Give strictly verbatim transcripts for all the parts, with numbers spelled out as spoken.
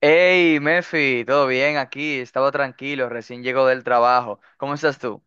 Hey, Mefi, ¿todo bien aquí? Estaba tranquilo, recién llego del trabajo. ¿Cómo estás tú?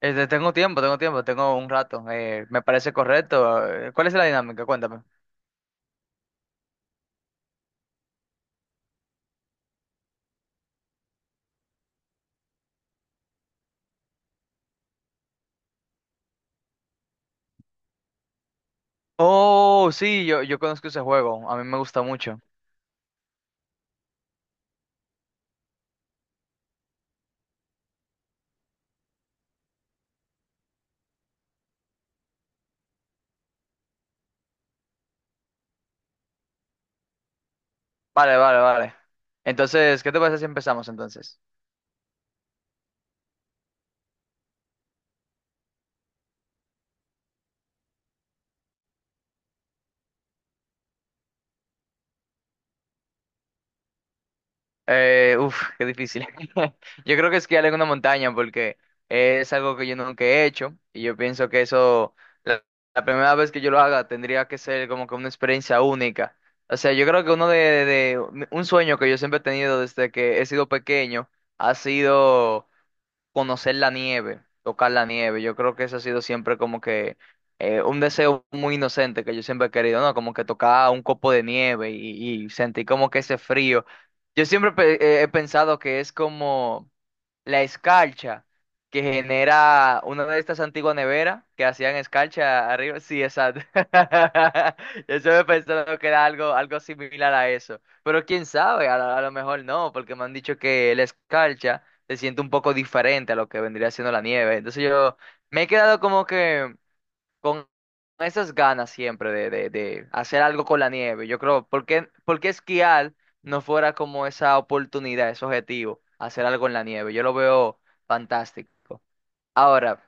Este, tengo tiempo, tengo tiempo, tengo un rato. Eh, me parece correcto. eh, ¿Cuál es la dinámica? Cuéntame. Oh, sí, yo, yo conozco ese juego. A mí me gusta mucho. Vale, vale, vale. Entonces, ¿qué te parece si empezamos entonces? Eh, uf, qué difícil. Yo creo que esquiar en una montaña porque es algo que yo nunca he hecho y yo pienso que eso, la, la primera vez que yo lo haga, tendría que ser como que una experiencia única. O sea, yo creo que uno de, de un sueño que yo siempre he tenido desde que he sido pequeño ha sido conocer la nieve, tocar la nieve. Yo creo que eso ha sido siempre como que eh, un deseo muy inocente que yo siempre he querido, ¿no? Como que tocar un copo de nieve y, y sentir como que ese frío. Yo siempre pe- eh, he pensado que es como la escarcha que genera una de estas antiguas neveras que hacían escarcha arriba. Sí, exacto. Yo me pensando que era algo, algo similar a eso. Pero quién sabe, a, lo a lo mejor no, porque me han dicho que la escarcha se siente un poco diferente a lo que vendría siendo la nieve. Entonces yo me he quedado como que con esas ganas siempre de, de, de hacer algo con la nieve. Yo creo, ¿por qué, por qué esquiar no fuera como esa oportunidad, ese objetivo, hacer algo en la nieve? Yo lo veo fantástico. Ahora,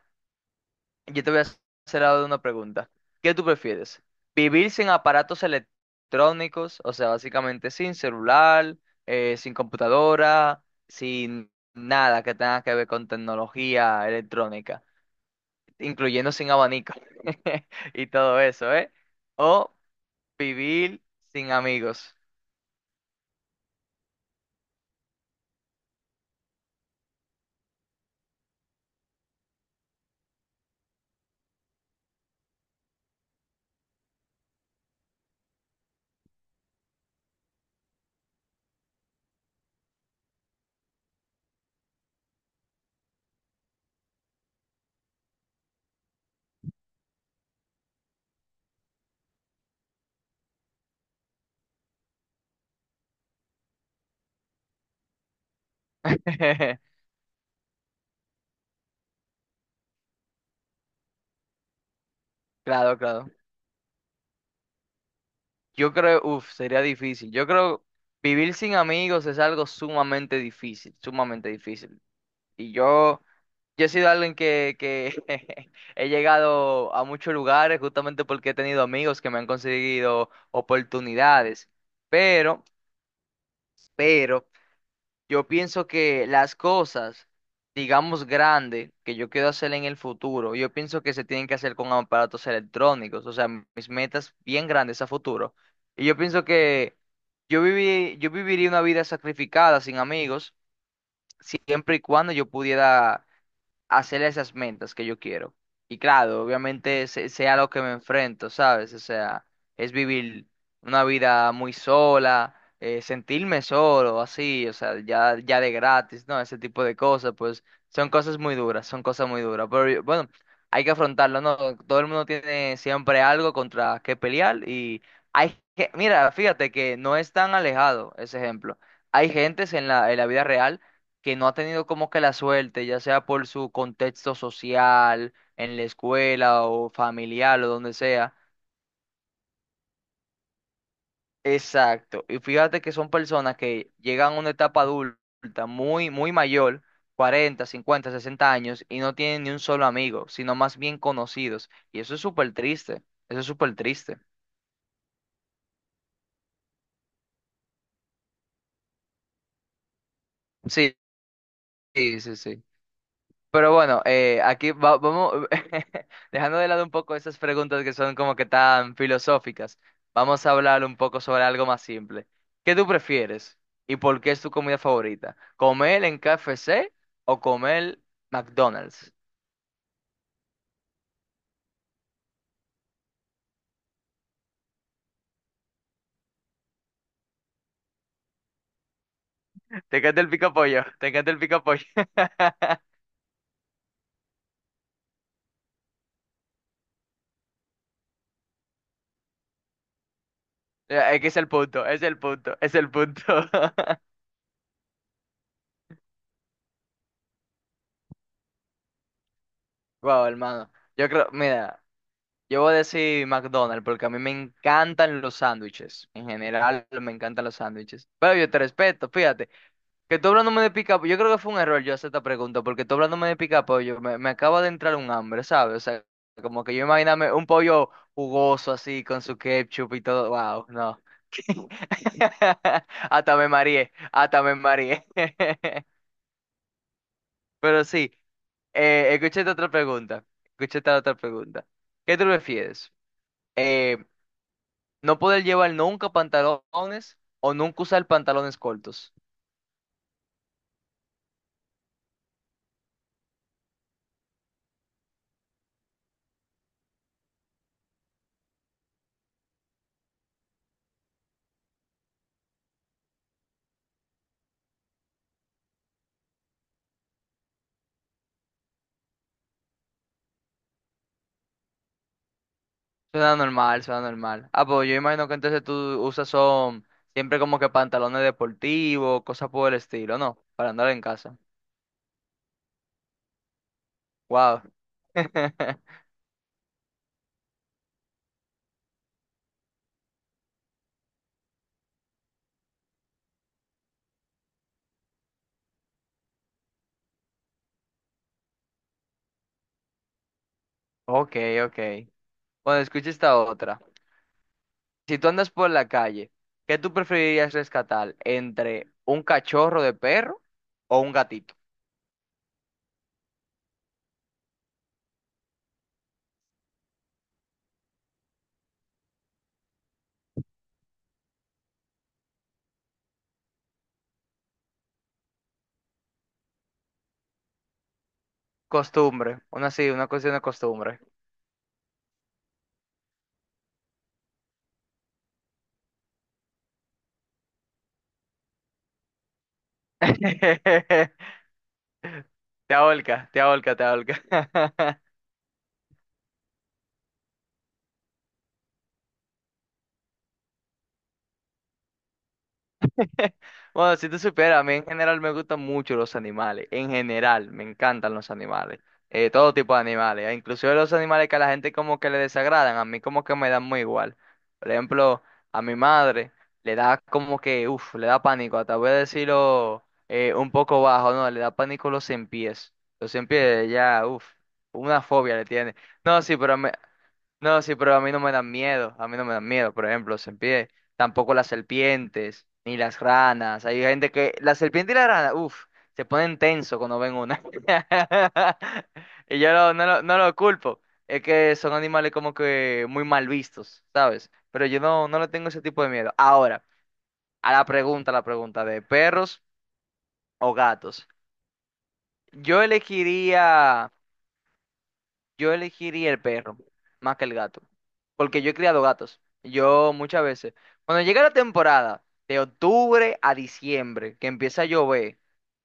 yo te voy a hacer ahora una pregunta. ¿Qué tú prefieres? ¿Vivir sin aparatos electrónicos? O sea, básicamente sin celular, eh, sin computadora, sin nada que tenga que ver con tecnología electrónica incluyendo sin abanico y todo eso, ¿eh? O vivir sin amigos. Claro, claro. Yo creo, uff, sería difícil. Yo creo vivir sin amigos es algo sumamente difícil, sumamente difícil. Y yo, yo he sido alguien que, que he llegado a muchos lugares justamente porque he tenido amigos que me han conseguido oportunidades. Pero, pero, Yo pienso que las cosas, digamos grandes, que yo quiero hacer en el futuro, yo pienso que se tienen que hacer con aparatos electrónicos, o sea, mis metas bien grandes a futuro. Y yo pienso que yo viví, yo viviría una vida sacrificada sin amigos, siempre y cuando yo pudiera hacer esas metas que yo quiero. Y claro, obviamente se- sea lo que me enfrento, ¿sabes? O sea, es vivir una vida muy sola, eh, sentirme solo, así, o sea, ya, ya de gratis, ¿no? Ese tipo de cosas, pues son cosas muy duras, son cosas muy duras. Pero yo- bueno, hay que afrontarlo, ¿no? Todo el mundo tiene siempre algo contra qué pelear y hay que, mira, fíjate que no es tan alejado ese ejemplo. Hay gentes en la, en la vida real que no ha tenido como que la suerte, ya sea por su contexto social, en la escuela o familiar o donde sea. Exacto. Y fíjate que son personas que llegan a una etapa adulta muy, muy mayor, cuarenta, cincuenta, sesenta años, y no tienen ni un solo amigo, sino más bien conocidos. Y eso es súper triste. Eso es súper triste. Sí, sí, sí, sí. Pero bueno, eh, aquí va- vamos, dejando de lado un poco esas preguntas que son como que tan filosóficas, vamos a hablar un poco sobre algo más simple. ¿Qué tú prefieres y por qué es tu comida favorita? ¿Comer en K F C o comer McDonald's? ¿Te encanta el pico pollo? ¿Te encanta el pico pollo? Es que es el punto, es el punto, es el punto. Wow, hermano. Yo creo, mira. Yo voy a decir McDonald's porque a mí me encantan los sándwiches. En general, me encantan los sándwiches. Pero yo te respeto, fíjate. Que tú hablándome de pica, yo creo que fue un error yo hacer esta pregunta porque tú hablándome de pica pollo, me, me acaba de entrar un hambre, ¿sabes? O sea, como que yo imaginarme un pollo jugoso así con su ketchup y todo. Wow, no. Hasta me mareé, hasta me mareé. Pero sí, eh, escuché esta otra pregunta. Escuché esta otra pregunta. ¿Qué tú prefieres? Eh, No poder llevar nunca pantalones o nunca usar pantalones cortos. Suena normal, suena normal. Ah, pues yo imagino que entonces tú usas son siempre como que pantalones deportivos, cosas por el estilo, ¿no? Para andar en casa. Wow. Ok, ok. Bueno, escucha esta otra. Si tú andas por la calle, ¿qué tú preferirías rescatar entre un cachorro de perro o un gatito? Costumbre, una sí, una cuestión de costumbre. Te aholca, te aholca, te aholca. Bueno, si tú supieras, a mí en general me gustan mucho los animales. En general, me encantan los animales. Eh, todo tipo de animales. eh, Inclusive los animales que a la gente como que le desagradan, a mí como que me dan muy igual. Por ejemplo, a mi madre le da como que, uff, le da pánico. Hasta voy a decirlo eh, un poco bajo, no, le da pánico los cien pies. Los cien pies, ya, uff, una fobia le tiene. No, sí, pero me No, sí, pero a mí no me dan miedo, a mí no me dan miedo, por ejemplo, los serpientes, tampoco las serpientes, ni las ranas, hay gente que, la serpiente y la rana, uff, se ponen tenso cuando ven una, y yo no, no, lo- no lo culpo, es que son animales como que muy mal vistos, ¿sabes? Pero yo no, no le tengo ese tipo de miedo. Ahora, a la pregunta, la pregunta de perros o gatos, yo elegiría... Yo elegiría el perro más que el gato, porque yo he criado gatos. Yo muchas veces, cuando llega la temporada de octubre a diciembre, que empieza a llover,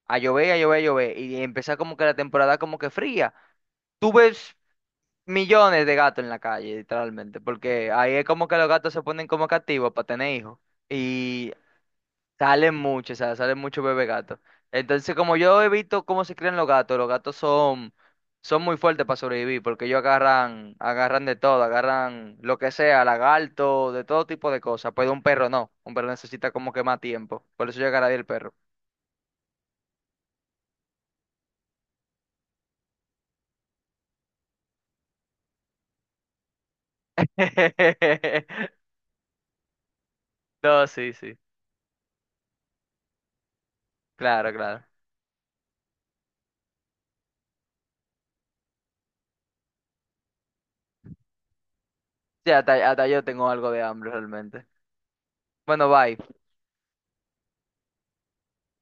a llover, a llover, a llover, y empieza como que la temporada como que fría, tú ves millones de gatos en la calle, literalmente, porque ahí es como que los gatos se ponen como que activos para tener hijos. Y salen mucho, o sea, salen muchos bebé gatos. Entonces, como yo he visto cómo se crían los gatos, los gatos son, son muy fuertes para sobrevivir, porque ellos agarran, agarran de todo, agarran lo que sea, lagarto, de todo tipo de cosas. Pero un perro no, un perro necesita como que más tiempo. Por eso yo agarraría el perro. No, sí, sí. Claro, claro. Sí, hasta, hasta yo tengo algo de hambre realmente. Bueno, bye.